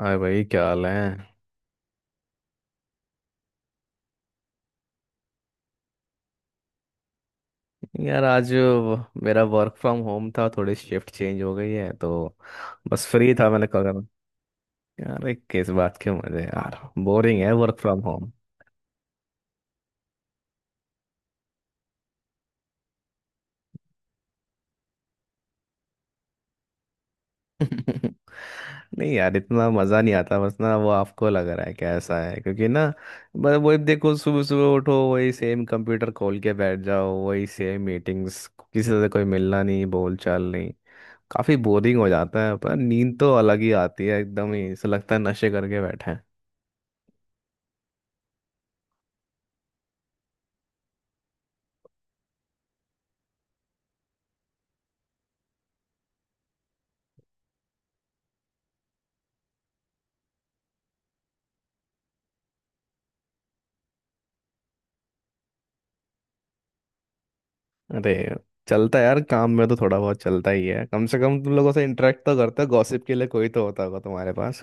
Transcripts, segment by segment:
अरे भाई, क्या हाल है। यार आज वो मेरा वर्क फ्रॉम होम था, थोड़ी शिफ्ट चेंज हो गई है तो बस फ्री था, मैंने कहा करूं। यार एक किस बात के मजे यार, बोरिंग है वर्क फ्रॉम होम। नहीं यार, इतना मज़ा नहीं आता। बस ना, वो आपको लग रहा है क्या ऐसा है, क्योंकि ना बस वही देखो, सुबह सुबह उठो, वही सेम कंप्यूटर खोल के बैठ जाओ, वही सेम मीटिंग्स, किसी से कोई मिलना नहीं, बोल चाल नहीं। काफ़ी बोरिंग हो जाता है, पर नींद तो अलग ही आती है, एकदम ही ऐसा लगता है नशे करके बैठे हैं। अरे चलता है यार, काम में तो थोड़ा बहुत चलता ही है। कम से कम तुम लोगों से इंटरेक्ट तो करते हो, गॉसिप के लिए कोई तो होता होगा तुम्हारे पास।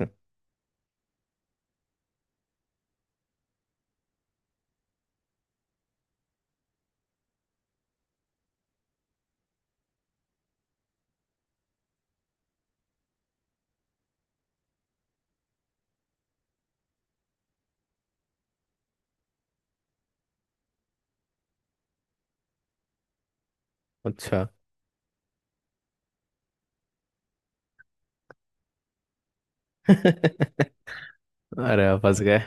अच्छा। अरे आप फंस गए।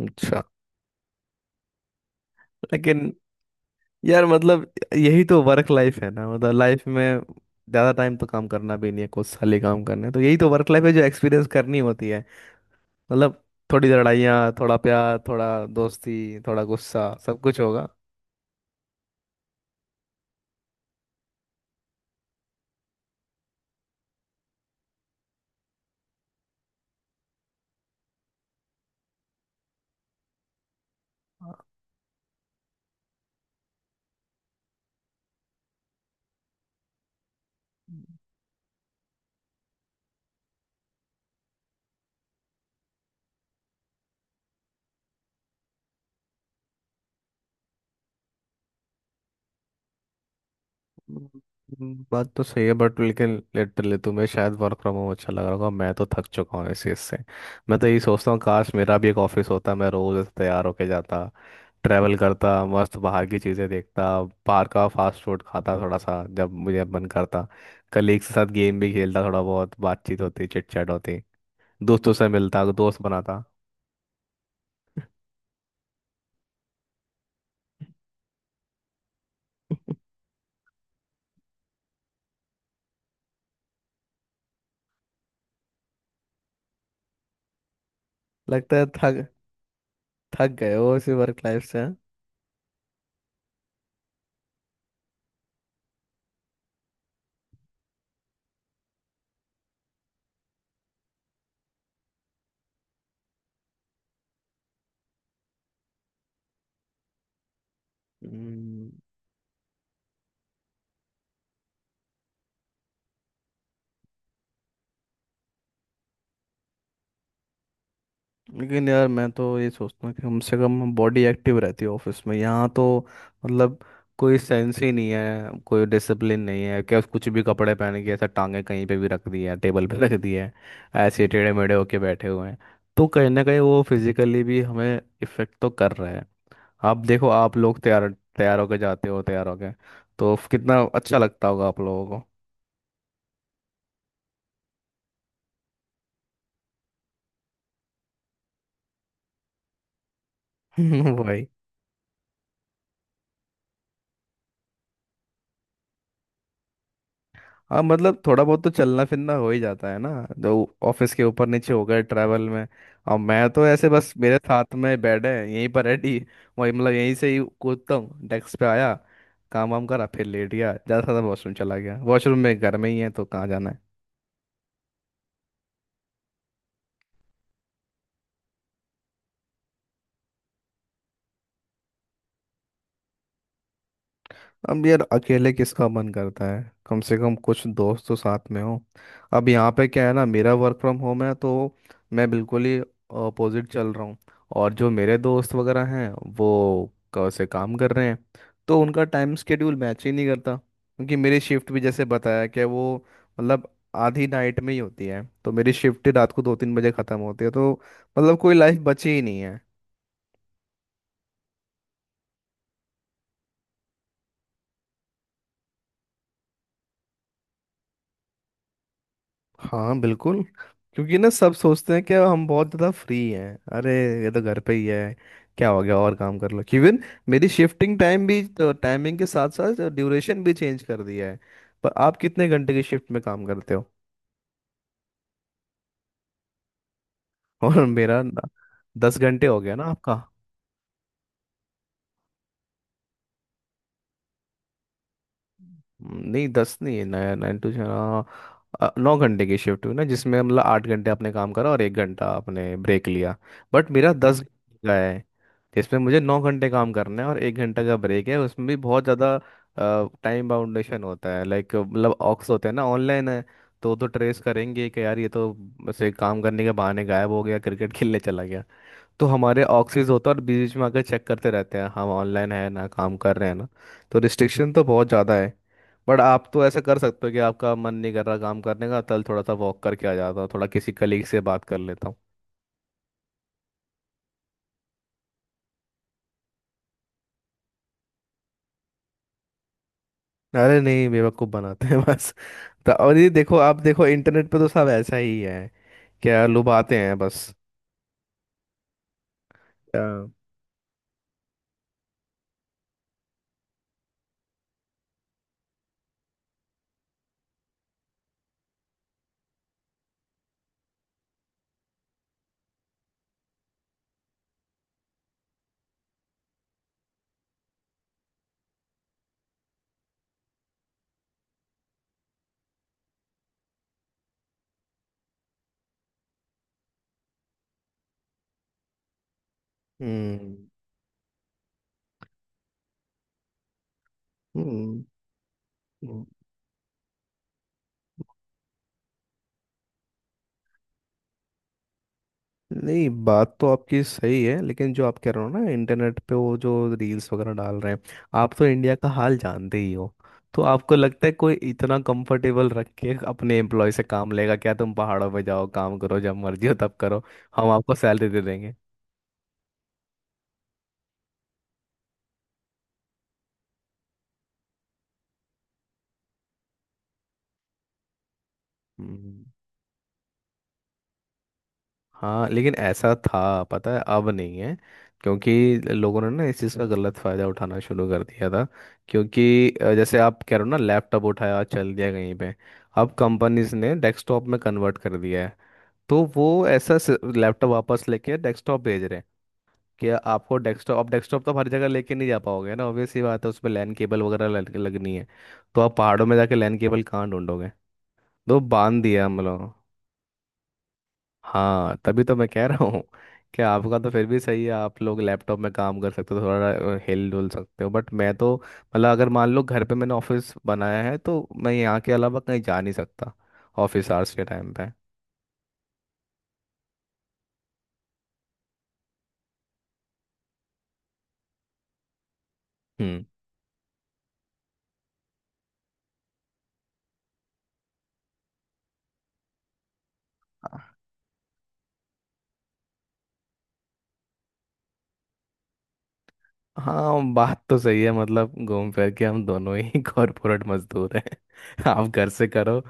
अच्छा। लेकिन यार मतलब यही तो वर्क लाइफ है ना, मतलब लाइफ में ज़्यादा टाइम तो काम करना भी नहीं है, कुछ साल ही काम करना है, तो यही तो वर्क लाइफ है जो एक्सपीरियंस करनी होती है। मतलब थोड़ी लड़ाइयाँ, थोड़ा प्यार, थोड़ा दोस्ती, थोड़ा गुस्सा, सब कुछ होगा। बात तो सही है बट लेकिन लिटरली तुम्हें शायद वर्क फ्रॉम होम अच्छा लग रहा होगा, मैं तो थक चुका हूँ इस चीज़ से। मैं तो यही सोचता हूँ काश मेरा भी एक ऑफिस होता, मैं रोज ऐसे तैयार होके जाता, ट्रैवल करता, मस्त बाहर की चीज़ें देखता, बाहर का फास्ट फूड खाता थोड़ा सा जब मुझे मन करता, कलीग्स के साथ गेम भी खेलता, थोड़ा बहुत बातचीत होती, चिट चैट होती, दोस्तों से मिलता, दोस्त बनाता। लगता है थक थक गए हो इसी वर्क लाइफ से हाँ? हम्म, लेकिन यार मैं तो ये सोचता हूँ कि कम से कम बॉडी एक्टिव रहती है ऑफिस में। यहाँ तो मतलब कोई सेंस ही नहीं है, कोई डिसिप्लिन नहीं है, क्या कुछ भी कपड़े पहन के, ऐसा टांगे कहीं पे भी रख दी है, टेबल पे रख दी है, ऐसे टेढ़े मेढ़े होके बैठे हुए हैं। तो कहीं ना कहीं वो फिजिकली भी हमें इफेक्ट तो कर रहा है। आप देखो आप लोग तैयार, तैयार होके जाते हो, तैयार होके तो कितना अच्छा लगता होगा आप लोगों को। भाई हाँ मतलब थोड़ा बहुत तो चलना फिरना हो ही जाता है ना, तो ऑफिस के ऊपर नीचे हो गए ट्रैवल में। और मैं तो ऐसे बस, मेरे साथ में बेड है यहीं पर रेडी, वही मतलब यहीं से ही कूदता हूँ, डेस्क पे आया, काम वाम करा, फिर लेट गया, ज़्यादा से ज़्यादा वॉशरूम चला गया, वॉशरूम में घर में ही है तो कहाँ जाना है। अब यार अकेले किसका मन करता है, कम से कम कुछ दोस्त तो साथ में हो। अब यहाँ पे क्या है ना, मेरा वर्क फ्रॉम होम है तो मैं बिल्कुल ही अपोजिट चल रहा हूँ, और जो मेरे दोस्त वगैरह हैं वो से काम कर रहे हैं, तो उनका टाइम स्केड्यूल मैच ही नहीं करता, क्योंकि मेरी शिफ्ट भी जैसे बताया कि वो मतलब आधी नाइट में ही होती है, तो मेरी शिफ्ट रात को दो तीन बजे ख़त्म होती है, तो मतलब कोई लाइफ बची ही नहीं। हाँ बिल्कुल, क्योंकि ना सब सोचते हैं कि हम बहुत ज़्यादा फ्री हैं। अरे ये तो घर पे ही है, क्या हो गया और काम कर लो। इवन मेरी शिफ्टिंग टाइम भी, तो टाइमिंग के साथ साथ ड्यूरेशन भी चेंज कर दिया है। पर आप कितने घंटे की शिफ्ट में काम करते हो? और मेरा न- दस घंटे हो गया ना आपका। नहीं दस नहीं है, नया नाइन टू, हाँ, नौ घंटे की शिफ्ट हुई ना, जिसमें मतलब आठ घंटे आपने काम करा और एक घंटा आपने ब्रेक लिया। बट मेरा दस घंटे का है, इसमें मुझे नौ घंटे काम करना है और एक घंटे का ब्रेक है, उसमें भी बहुत ज़्यादा टाइम बाउंडेशन होता है। लाइक मतलब ऑक्स होते हैं ना ऑनलाइन है, तो ट्रेस करेंगे कि यार ये तो ऐसे काम करने के बहाने गायब हो गया, क्रिकेट खेलने चला गया। तो हमारे ऑक्सीज होता है, और बीच में आकर चेक करते रहते हैं हम ऑनलाइन है ना, काम कर रहे हैं ना। तो रिस्ट्रिक्शन तो बहुत ज़्यादा है। बट आप तो ऐसा कर सकते हो कि आपका मन नहीं कर रहा काम करने का, तल थोड़ा सा वॉक करके आ जाता हूँ, थोड़ा किसी कलीग से बात कर लेता हूँ। अरे नहीं, बेवकूफ़ बनाते हैं। और ये देखो, आप देखो इंटरनेट पे तो सब ऐसा ही है, क्या लुभाते हैं बस। हाँ। हम्म। हम्म। हम्म। नहीं बात तो आपकी सही है, लेकिन जो आप कह रहे हो ना इंटरनेट पे वो जो रील्स वगैरह डाल रहे हैं, आप तो इंडिया का हाल जानते ही हो, तो आपको लगता है कोई इतना कंफर्टेबल रख के अपने एम्प्लॉय से काम लेगा क्या, तुम पहाड़ों पे जाओ, काम करो, जब मर्जी हो तब करो, हम आपको सैलरी दे देंगे। हम्म। हाँ लेकिन ऐसा था पता है, अब नहीं है, क्योंकि लोगों ने ना इस चीज़ का गलत फ़ायदा उठाना शुरू कर दिया था। क्योंकि जैसे आप कह रहे हो ना, लैपटॉप उठाया चल दिया कहीं पे। अब कंपनीज ने डेस्कटॉप में कन्वर्ट कर दिया है, तो वो ऐसा लैपटॉप वापस लेके डेस्कटॉप भेज रहे हैं। कि आपको डेस्कटॉप, अब डेस्कटॉप तो आप हर जगह लेके नहीं जा पाओगे ना, ऑब्वियस सी बात है, उसमें लैन केबल वगैरह लगनी है, तो आप पहाड़ों में जाके लैन केबल कहाँ ढूंढोगे। तो बांध दिया हम लोग। हाँ तभी तो मैं कह रहा हूँ कि आपका तो फिर भी सही है, आप लोग लैपटॉप में काम कर सकते हो, थोड़ा हिल डुल सकते हो, बट मैं तो मतलब अगर मान लो घर पे मैंने ऑफिस बनाया है, तो मैं यहाँ के अलावा कहीं जा नहीं सकता ऑफिस आवर्स के टाइम पे। हम्म। हाँ बात तो सही है, मतलब घूम फिर के हम दोनों ही कॉरपोरेट मजदूर हैं। आप घर से करो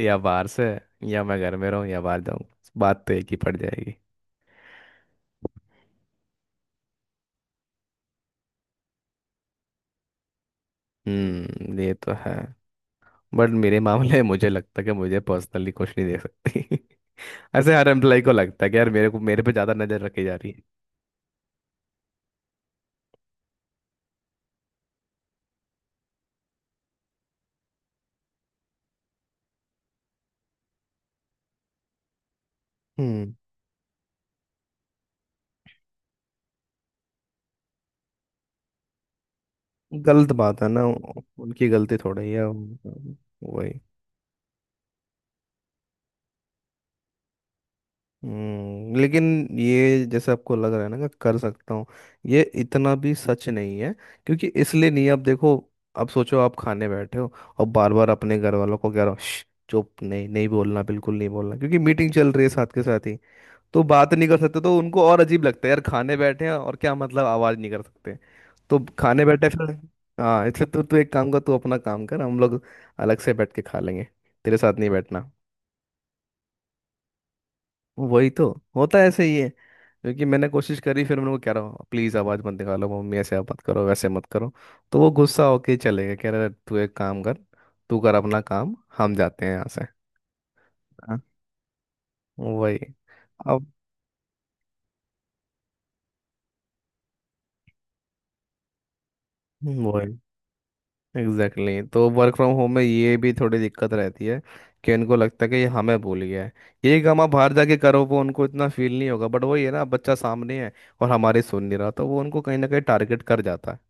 या बाहर से, या मैं घर में रहूँ या बाहर जाऊँ, बात तो एक ही पड़ जाएगी। ये तो है, बट मेरे मामले में मुझे लगता है कि मुझे पर्सनली कुछ नहीं दे सकती। ऐसे हर एम्प्लॉय को लगता है कि यार मेरे को, मेरे पे ज्यादा नजर रखी जा रही है। हम्म। गलत बात है ना, उनकी गलती थोड़ी है, वही। लेकिन ये जैसे आपको लग रहा है ना कि कर सकता हूँ, ये इतना भी सच नहीं है, क्योंकि इसलिए नहीं है, आप देखो। अब सोचो आप खाने बैठे हो और बार बार अपने घर वालों को कह रहे हो "श्श, चुप, नहीं नहीं बोलना, बिल्कुल नहीं बोलना, क्योंकि मीटिंग चल रही है साथ के साथ ही", तो बात नहीं कर सकते, तो उनको और अजीब लगता है यार, खाने बैठे हैं और क्या मतलब आवाज नहीं कर सकते। तो खाने बैठे फिर, हाँ इसलिए तो, तू एक काम कर, तू अपना काम कर, हम लोग अलग से बैठ के खा लेंगे, तेरे साथ नहीं बैठना। वही तो होता है, ऐसे ही है, क्योंकि मैंने कोशिश करी, फिर उनको कह रहा हूँ प्लीज़ आवाज़ मत निकालो, मम्मी ऐसे आप मत करो, वैसे मत करो, तो वो गुस्सा होके चले गए, कह रहे तू एक काम कर, तू कर अपना काम, हम जाते हैं यहाँ से। हाँ। वही। अब वही एग्जैक्टली exactly। तो वर्क फ्रॉम होम में ये भी थोड़ी दिक्कत रहती है कि उनको लगता है कि ये हमें भूल गया है। यही काम आप बाहर जाके करो, वो उनको इतना फील नहीं होगा, बट वही है ना बच्चा सामने है और हमारे सुन नहीं रहा, तो वो उनको कहीं ना कहीं टारगेट कर जाता है।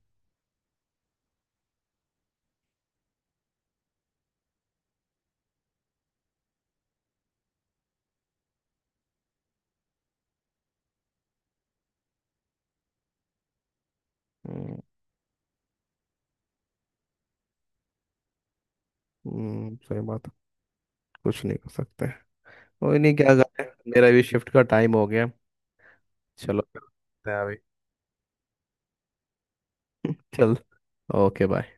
हम्म। सही बात है। कुछ नहीं कर सकते, कोई नहीं, क्या करें। मेरा भी शिफ्ट का टाइम हो गया, चलो करते हैं अभी। चल, ओके बाय।